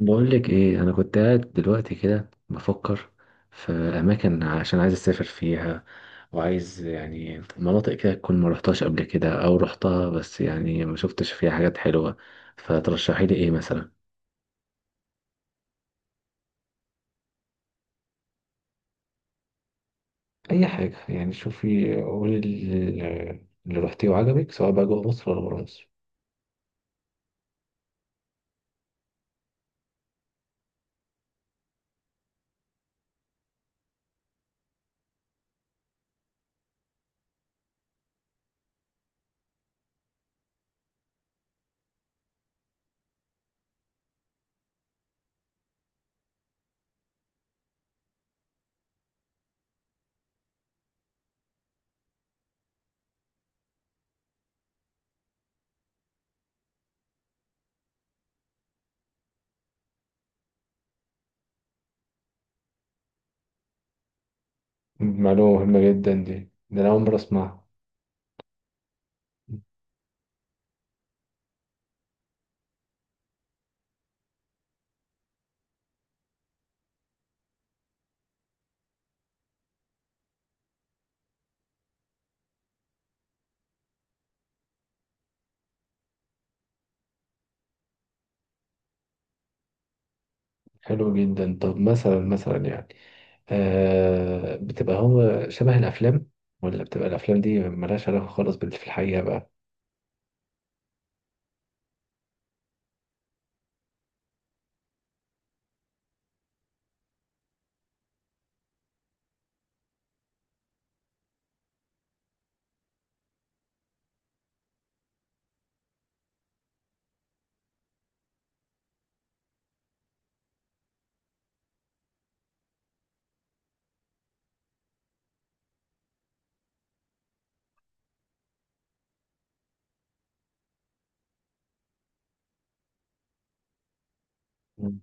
بقول لك ايه، انا كنت قاعد دلوقتي كده بفكر في اماكن عشان عايز اسافر فيها، وعايز يعني مناطق كده تكون ما رحتهاش قبل كده او رحتها بس يعني ما شفتش فيها حاجات حلوة. فترشحي لي ايه مثلا؟ اي حاجه، يعني شوفي قولي اللي رحتيه وعجبك سواء بقى جوه مصر ولا بره مصر. معلومه مهمه جدا دي، ده انا اول مره اسمعها. حلو جدا. طب مثلا يعني، بتبقى هو شبه الأفلام، ولا بتبقى الأفلام دي ملهاش علاقة خالص باللي في الحقيقة بقى؟ مم.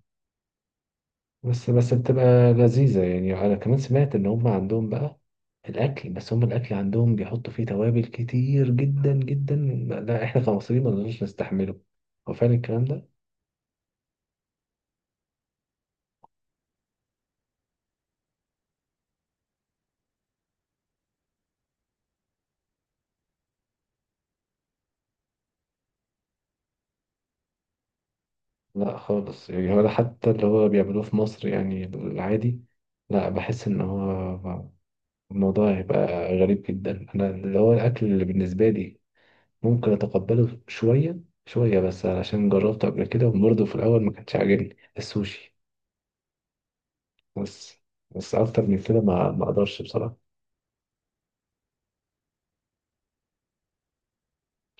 بس بتبقى لذيذة يعني. أنا كمان سمعت إن هم عندهم بقى الأكل، بس هم الأكل عندهم بيحطوا فيه توابل كتير جدا جدا، لا إحنا كمصريين ما نقدرش نستحمله. هو فعلا الكلام ده؟ لا خالص، يعني ولا حتى اللي هو بيعملوه في مصر يعني العادي. لا، بحس إن هو الموضوع هيبقى غريب جدا أنا. اللي هو الأكل اللي بالنسبة لي ممكن اتقبله شويه بس، علشان جربته قبل كده، وبرضه في الاول ما كانش عاجبني السوشي. بس اكتر من كده ما اقدرش بصراحه.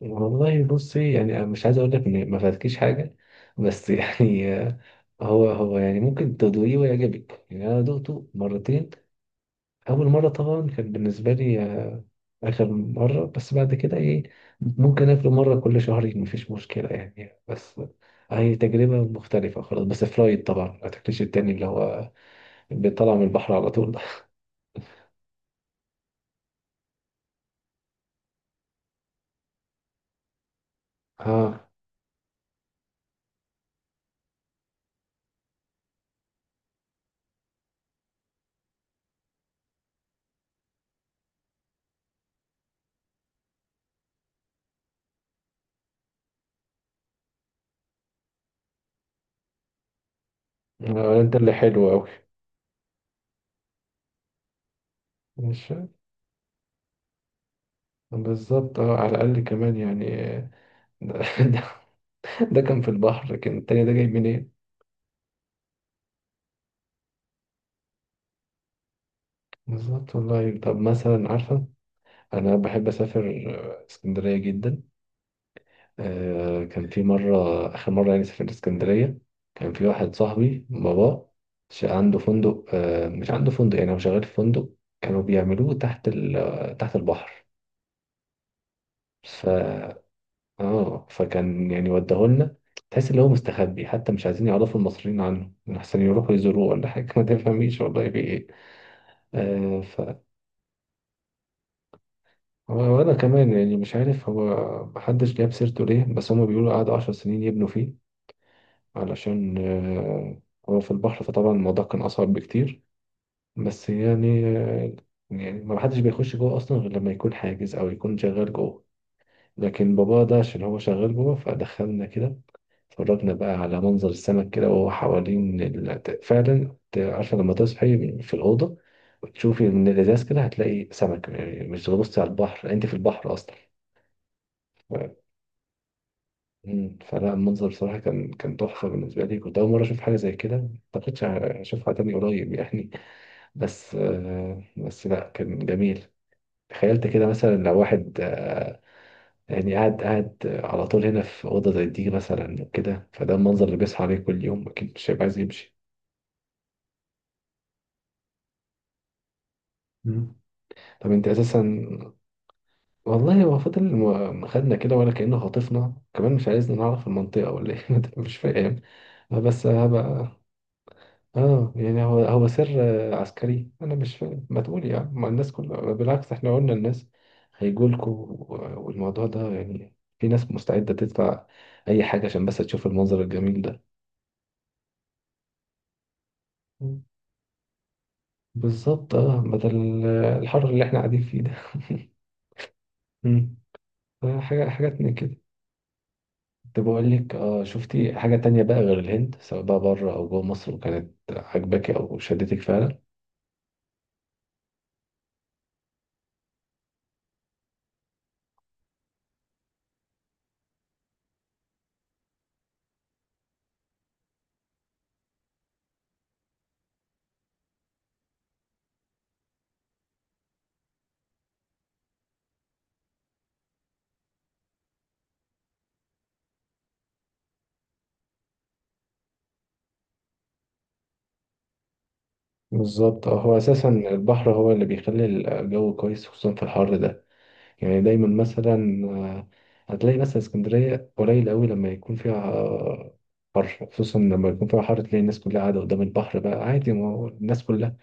والله بصي، يعني أنا مش عايز اقول لك ان ما فاتكيش حاجه، بس يعني، هو يعني ممكن تدوقيه ويعجبك يعني. انا دوقته مرتين، أول مرة طبعا كان بالنسبة لي آخر مرة. بس بعد كده إيه، ممكن آكله مرة كل شهرين مفيش مشكلة يعني. بس هي تجربة مختلفة خلاص، بس فرايد طبعا، ما تاكلش التاني اللي هو بيطلع من البحر على طول ده اه انت اللي حلو أوي. مش بالظبط، اه على الأقل كمان يعني، ده, ده, ده كان في البحر، لكن التاني ده جاي منين؟ بالظبط والله. طب مثلا عارفة، أنا بحب أسافر اسكندرية جدا. كان في مرة، آخر مرة يعني سافرت اسكندرية، كان في واحد صاحبي بابا عنده فندق، مش عنده فندق، يعني هو شغال في فندق، كانوا بيعملوه تحت البحر. ف اه فكان يعني وداهولنا. تحس ان هو مستخبي، حتى مش عايزين يعرفوا المصريين عنه، احسن يروحوا يزوروه ولا حاجة ما تفهميش والله في ايه. آه، ف وانا كمان يعني مش عارف هو محدش جاب سيرته ليه. بس هما بيقولوا قعدوا 10 سنين يبنوا فيه، علشان هو في البحر، فطبعا الموضوع كان أصعب بكتير. بس يعني يعني ما حدش بيخش جوه أصلا غير لما يكون حاجز أو يكون شغال جوه، لكن بابا ده عشان هو شغال جوه فدخلنا كده. اتفرجنا بقى على منظر السمك كده، وهو فعلا عارفة لما تصحي في الأوضة وتشوفي من الإزاز كده، هتلاقي سمك، يعني مش بتبصي على البحر، أنت في البحر أصلا. مم. فلا المنظر بصراحة كان تحفة بالنسبة لي، كنت أول مرة أشوف حاجة زي كده. ما أعتقدش أشوفها تاني قريب يعني، بس بس لا كان جميل. تخيلت كده مثلا لو واحد، يعني قاعد على طول هنا في أوضة زي دي مثلا وكده، فده المنظر اللي بيصحى عليه كل يوم، أكيد مش هيبقى عايز يمشي. مم. طب أنت أساسا، والله هو فضل خدنا كده، ولا كأنه خاطفنا، كمان مش عايزنا نعرف المنطقة ولا إيه مش فاهم، بس هبقى اه. يعني هو سر عسكري، انا مش فاهم. ما تقول يا عم، ما الناس كلها بالعكس، احنا قلنا الناس هيجولكوا، والموضوع ده يعني في ناس مستعدة تدفع اي حاجة عشان بس تشوف المنظر الجميل ده. مم. بالظبط، اه بدل الحر اللي احنا قاعدين فيه ده مم. حاجات من كده. كنت بقول لك اه، شفتي حاجة تانية بقى غير الهند، سواء بقى بره او جوه مصر، وكانت عاجباكي او شدتك فعلا؟ بالظبط. هو اساسا البحر هو اللي بيخلي الجو كويس، خصوصا في الحر ده. يعني دايما مثلا هتلاقي مثلا اسكندرية قليل قوي لما يكون فيها حر، خصوصا لما يكون فيها حر، تلاقي الناس كلها قاعدة قدام البحر، بقى عادي ما هو الناس كلها.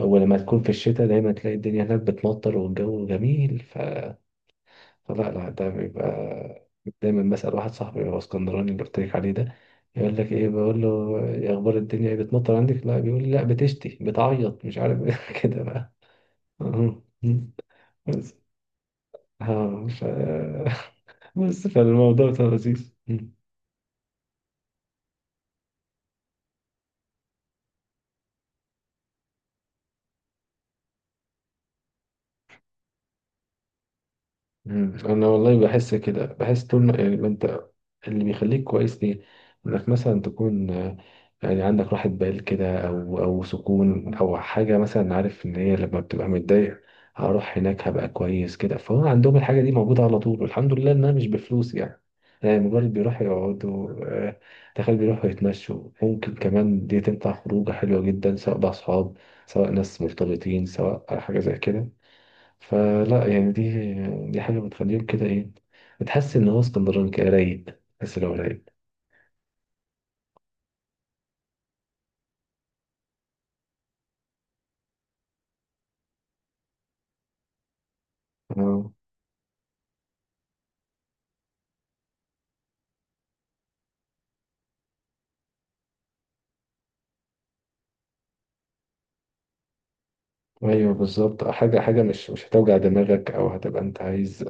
أو لما تكون في الشتاء، دايما تلاقي الدنيا هناك بتمطر والجو جميل، ف... فلا لا ده بيبقى، دايما بسأل واحد صاحبي، هو اسكندراني، اللي قلت لك عليه ده، يقول لك ايه؟ بقول له يا اخبار الدنيا ايه، بتمطر عندك؟ لا بيقول لي لا بتشتي، بتعيط، مش عارف إيه كده بقى. بس اه ف بس فالموضوع كان لذيذ. مم. انا والله بحس كده، بحس طول ما يعني ما انت، اللي بيخليك كويس ليه انك مثلا تكون يعني عندك راحة بال كده، او سكون او حاجة، مثلا عارف ان هي لما بتبقى متضايق، هروح هناك هبقى كويس كده. فهو عندهم الحاجة دي موجودة على طول، والحمد لله انها مش بفلوس يعني، يعني مجرد بيروحوا يقعدوا آه، تخيل، بيروحوا يتمشوا، ممكن كمان دي تنفع خروجة حلوة جدا، سواء بأصحاب، سواء ناس مرتبطين، سواء حاجة زي كده. فلا يعني دي حاجة بتخليهم كده ايه، بتحس ان هو اسكندراني كده رايق، بس لو رايق اه. ايوه بالظبط. حاجة مش هتوجع دماغك، او هتبقى انت عايز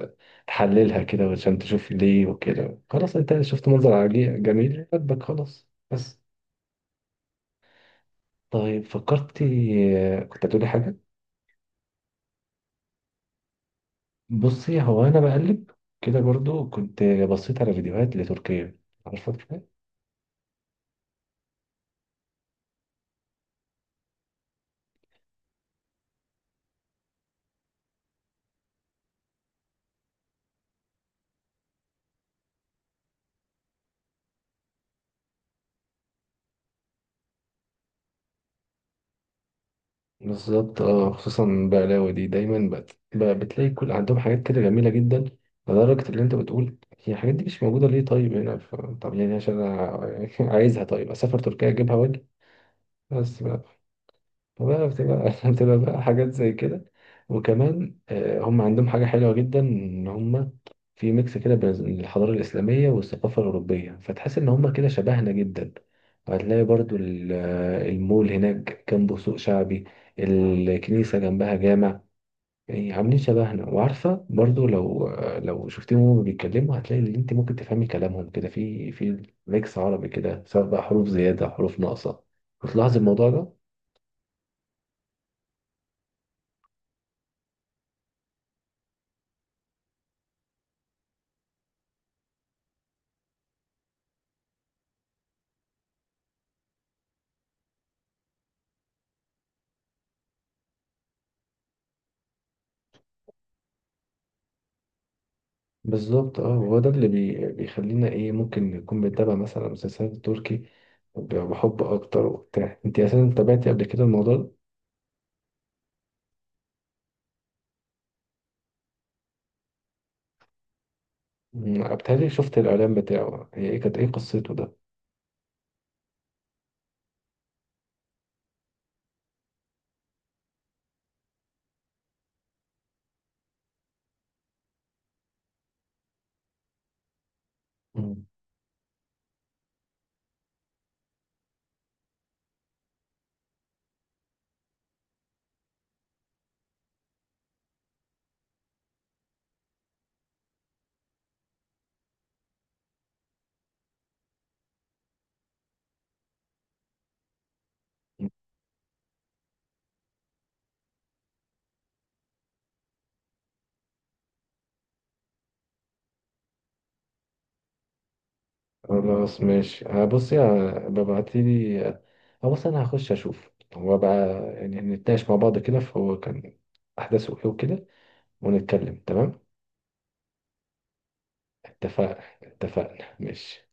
تحللها كده عشان تشوف ليه وكده، خلاص انت شفت منظر جميل عجبك، خلاص بس. طيب فكرتي، كنت هتقولي حاجة. بصي هو انا بقلب كده برضو، كنت بصيت على فيديوهات لتركيا، عارفة تركيا؟ بالظبط اه. خصوصا بقلاوة دي دايما بتلاقي كل عندهم حاجات كده جميلة جدا، لدرجة اللي انت بتقول هي الحاجات دي مش موجودة ليه طيب هنا، طب يعني عشان انا عايزها، طيب اسافر تركيا اجيبها واجي بس بقى. فبقى بتبقى بتبقى بقى حاجات زي كده. وكمان هم عندهم حاجة حلوة جدا، إن هم في ميكس كده بين الحضارة الإسلامية والثقافة الأوروبية، فتحس إن هم كده شبهنا جدا. وهتلاقي برضو المول هناك جنبه سوق شعبي، الكنيسة جنبها جامع، يعني عاملين شبهنا. وعارفة برضو، لو لو شفتيهم وهم بيتكلموا، هتلاقي إن أنت ممكن تفهمي كلامهم كده، في ميكس عربي كده، سواء بقى حروف زيادة حروف ناقصة، بتلاحظي الموضوع ده؟ بالظبط اه. وهو ده اللي بيخلينا ايه، ممكن نكون بنتابع مثلا مسلسلات تركي، بحب اكتر وبتاع. انت اساسا تابعتي قبل كده الموضوع ده؟ مم، بتهيألي شفت الاعلان بتاعه، هي ايه كانت، ايه قصته ده؟ مم. خلاص ماشي، هبصي، ببعتيلي هو. بص انا هخش اشوف هو بقى، يعني نتناقش مع بعض كده، فهو كان احداثه ايه وكده، ونتكلم. تمام، اتفقنا، اتفقنا، ماشي.